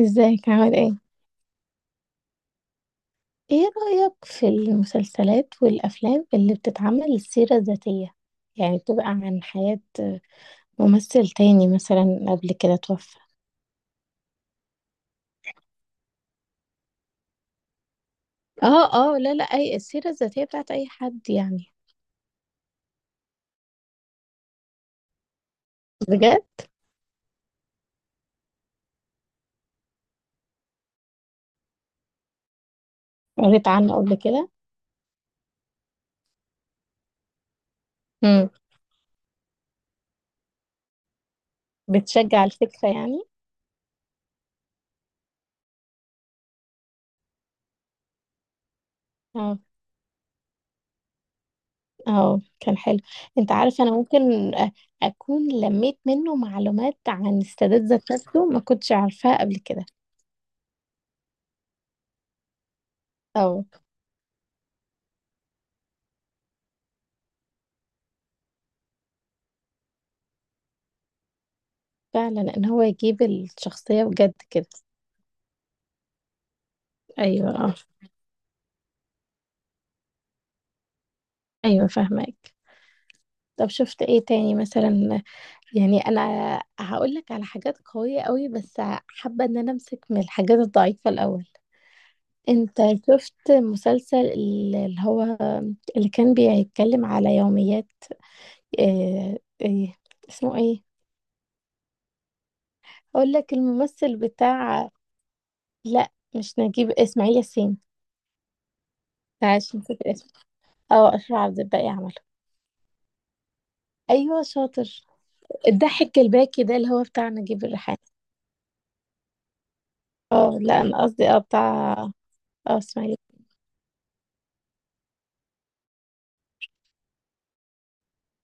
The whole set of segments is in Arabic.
ازيك عامل ايه؟ ايه رأيك في المسلسلات والأفلام اللي بتتعمل سيرة ذاتية؟ يعني بتبقى عن حياة ممثل تاني مثلا قبل كده توفى. لا اي السيرة الذاتية بتاعت اي حد يعني. بجد؟ قريت عنه قبل كده؟ امم. بتشجع الفكرة يعني؟ اه اه كان حلو. انت عارف انا ممكن اكون لميت منه معلومات عن السادات ذات نفسه ما كنتش عارفاها قبل كده. اه فعلا ان هو يجيب الشخصية بجد كده. أيوه آه، أيوه فاهماك. طب شُفت إيه تاني مثلًا؟ يعني أنا هاقول لك على حاجات قوية أوي، بس حابة إن أنا أمسك من الحاجات الضعيفة الأول. أنت شُفت مسلسل اللي هو اللي كان بيتكلم على يوميات، آآ، آآ، اسمه إيه؟ هاقول لك الممثل بتاع. لأ، مش نجيب، إسماعيل ياسين. معلش نسيت الاسم. آه، أشرف عبد الباقي عمله. أيوه شاطر. الضحك الباكي ده اللي هو بتاع نجيب الريحاني. اه لا انا قصدي اه بتاع اه اسماعيل.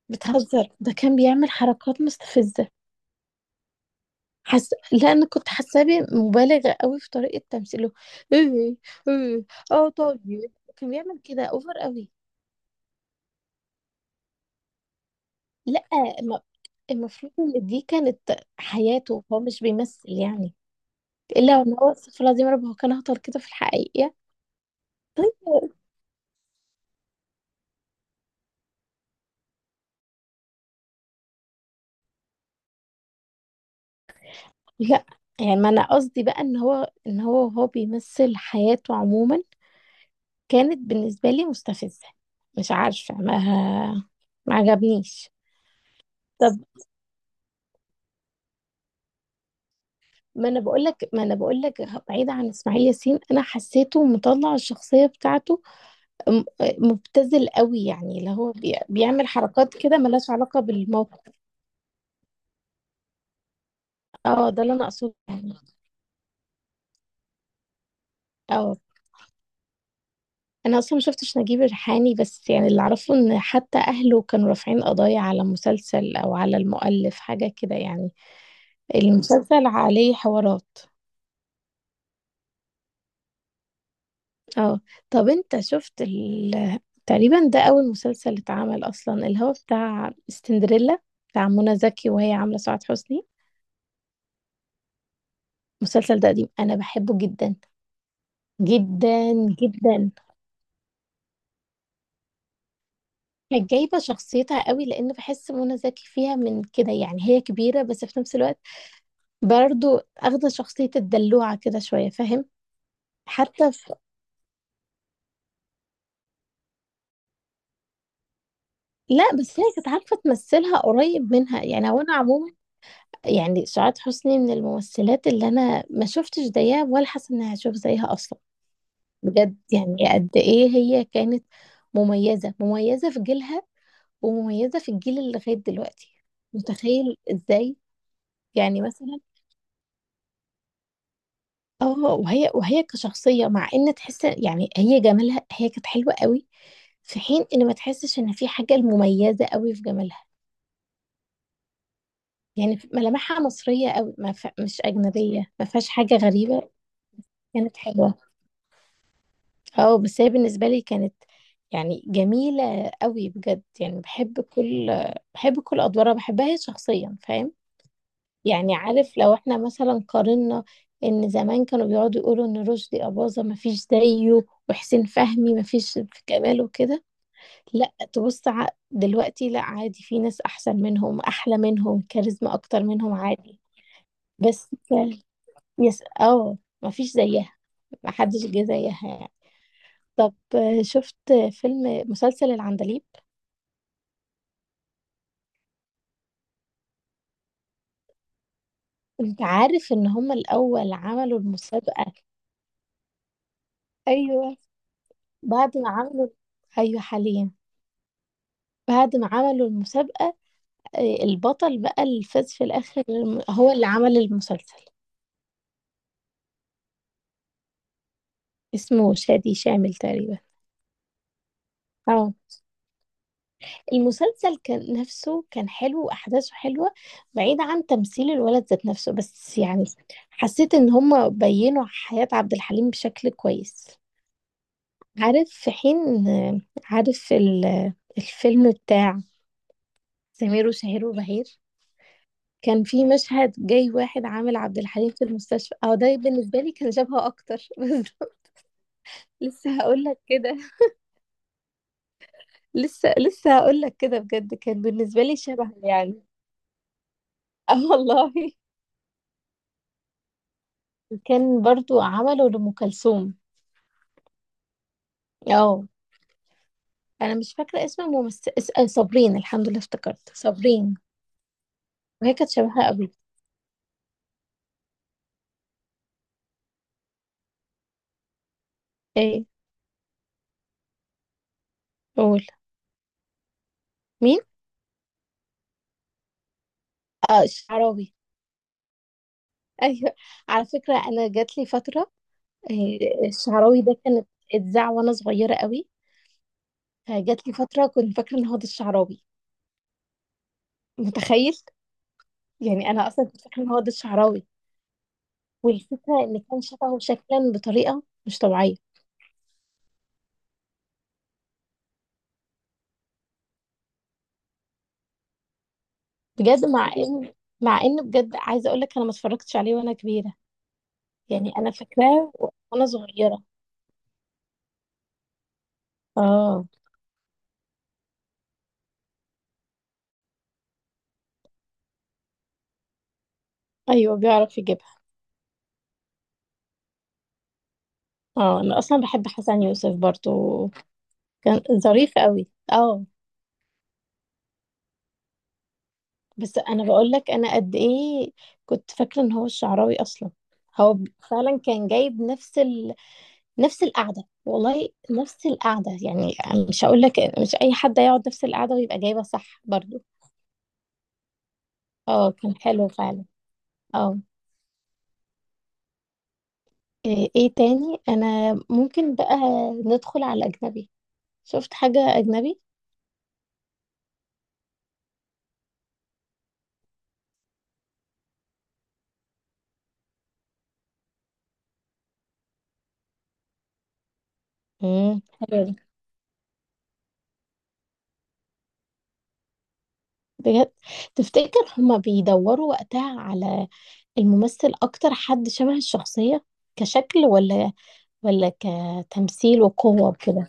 بتهزر، ده كان بيعمل حركات مستفزة. لا انا كنت حاساه مبالغة قوي في طريقة تمثيله. ايه؟ ايه؟ اه طيب، كان بيعمل كده اوفر قوي. لا ما- المفروض ان دي كانت حياته هو، مش بيمثل يعني. الا ان هو، استغفر الله العظيم يا رب، هو كان هطل كده في الحقيقة. لا يعني ما انا قصدي بقى ان هو ان هو هو بيمثل حياته عموما. كانت بالنسبة لي مستفزة، مش عارفة، ما ما عجبنيش. طب ما انا بقول لك ما انا بقول لك، بعيد عن اسماعيل ياسين، انا حسيته مطلع الشخصية بتاعته م- مبتذل قوي، يعني اللي هو بيعمل حركات كده ملهاش علاقة بالموقف. اه ده اللي انا اقصده يعني. اه انا اصلا ما شفتش نجيب الريحاني، بس يعني اللي اعرفه ان حتى اهله كانوا رافعين قضايا على مسلسل او على المؤلف حاجة كده يعني. المسلسل عليه حوارات. اه طب انت شفت تقريبا ده اول مسلسل اتعمل اصلا، اللي هو بتاع سندريلا، بتاع منى زكي وهي عامله سعاد حسني. المسلسل ده قديم انا بحبه جدا. جدا جدا. كانت جايبه شخصيتها قوي، لان بحس منى زكي فيها من كده يعني، هي كبيره بس في نفس الوقت برضو اخده شخصيه الدلوعه كده شويه، فاهم. حتى في... لا بس هي كانت عارفه تمثلها قريب منها يعني، هو انا عموما يعني سعاد حسني من الممثلات اللي انا ما شفتش زيها ولا حاسه اني هشوف زيها اصلا. بجد يعني قد ايه هي كانت مميزه، مميزه في جيلها ومميزه في الجيل اللي لغايه دلوقتي. متخيل ازاي يعني مثلا. اه وهي وهي كشخصيه، مع ان تحس يعني هي جمالها، هي كانت حلوه قوي، في حين ان ما تحسش ان في حاجه مميزه قوي في جمالها. يعني ملامحها مصريه قوي، ما ف... مش اجنبيه، ما فيهاش حاجه غريبه. كانت حلوه. اه بس هي بالنسبة لي كانت يعني جميلة قوي بجد، يعني بحب كل بحب كل أدوارها، بحبها هي شخصيا، فاهم. يعني عارف لو احنا مثلا قارنا، إن زمان كانوا بيقعدوا يقولوا إن رشدي أباظة مفيش زيه، وحسين فهمي مفيش في كماله وكده. لا تبص دلوقتي لا، عادي في ناس أحسن منهم، أحلى منهم، كاريزما أكتر منهم، عادي. بس ك- يس اه، مفيش زيها، محدش جه زيها يعني. طب آه، شفت فيلم مسلسل العندليب. انت عارف ان هما الاول عملوا المسابقة. ايوه، بعد ما عملوا، ايوه حاليا، بعد ما عملوا المسابقة، آه، البطل بقى اللي فاز في الاخر هو اللي عمل المسلسل. اسمه شادي شامل تقريبا. اه المسلسل كان نفسه كان حلو، واحداثه حلوة، بعيد عن تمثيل الولد ذات نفسه، بس يعني حسيت ان هما بينوا حياة عبد الحليم بشكل كويس. عارف، في حين، عارف الفيلم بتاع سمير وشهير وبهير، كان في مشهد جاي واحد عامل عبد الحليم في المستشفى، اه ده بالنسبة لي كان شبهه اكتر بس لسه هقول لك كده. لسه هقول لك كده، بجد كان بالنسبة لي شبه يعني. اه والله. كان برضو عمله لأم كلثوم. اه انا مش فاكرة اسم الممثل آه، صابرين، الحمد لله افتكرت صابرين. وهي كانت شبهها قوي. ايه؟ قول. مين؟ اه الشعراوي. ايوه. على فكره انا جات لي فتره. آه، الشعراوي ده كانت اتذاع وانا صغيره قوي، فجات لي فتره كنت فاكره ان هو ده الشعراوي. متخيل؟ يعني انا اصلا كنت فاكره ان هو ده الشعراوي، والفكره ان كان شبهه شكلا بطريقه مش طبيعيه. بجد مع ان مع ان، بجد عايزه اقول لك انا ما اتفرجتش عليه وانا كبيره، يعني انا فاكراه وانا صغيره. اه ايوه بيعرف يجيبها. اه انا اصلا بحب حسن يوسف برضو، كان ظريف قوي اه. بس انا بقول لك انا قد ايه كنت فاكره ان هو الشعراوي اصلا. هو فعلا كان جايب نفس نفس القعده، والله نفس القعده يعني. مش هقول لك، مش اي حد يقعد نفس القعده ويبقى جايبها صح برضو. اه كان حلو فعلا. اه ايه إيه تاني؟ انا ممكن بقى ندخل على اجنبي. شفت حاجه اجنبي. حلو ده. بجد؟ تفتكر هما بيدوروا وقتها على الممثل اكتر حد شبه الشخصيه كشكل، ولا ولا كتمثيل وقوة وكده.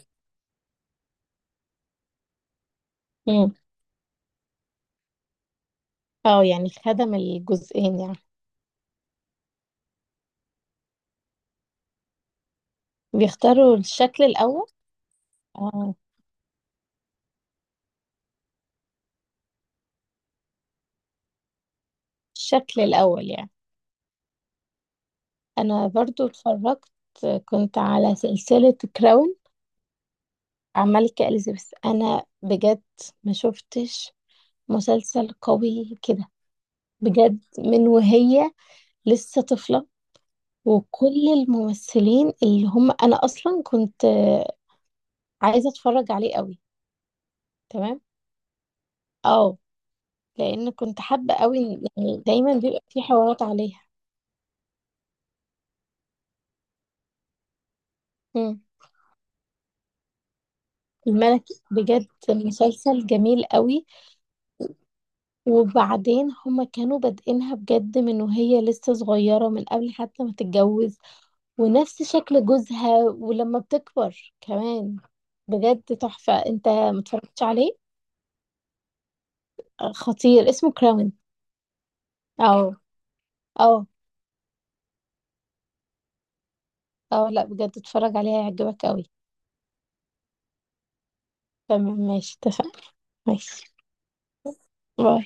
امم. اه يعني خدم الجزئين يعني. بيختاروا الشكل الأول. اه الشكل الأول يعني. أنا برضو اتفرجت، كنت على سلسلة كراون، الملكة إليزابيث، أنا بجد ما شفتش مسلسل قوي كده. بجد من وهي لسه طفلة، وكل الممثلين اللي هم، أنا أصلا كنت عايزة أتفرج عليه قوي. تمام اه، لان كنت حابه قوي يعني دايما بيبقى في حوارات عليها. مم. الملك، بجد مسلسل جميل قوي. وبعدين هما كانوا بادئينها بجد من وهي لسه صغيرة، من قبل حتى ما تتجوز، ونفس شكل جوزها ولما بتكبر كمان. بجد تحفة، انت متفرجتش عليه؟ خطير، اسمه كراون. اه. اه. اه لا بجد اتفرج عليه، هيعجبك قوي. تمام ماشي، اتفقنا. ماشي، باي.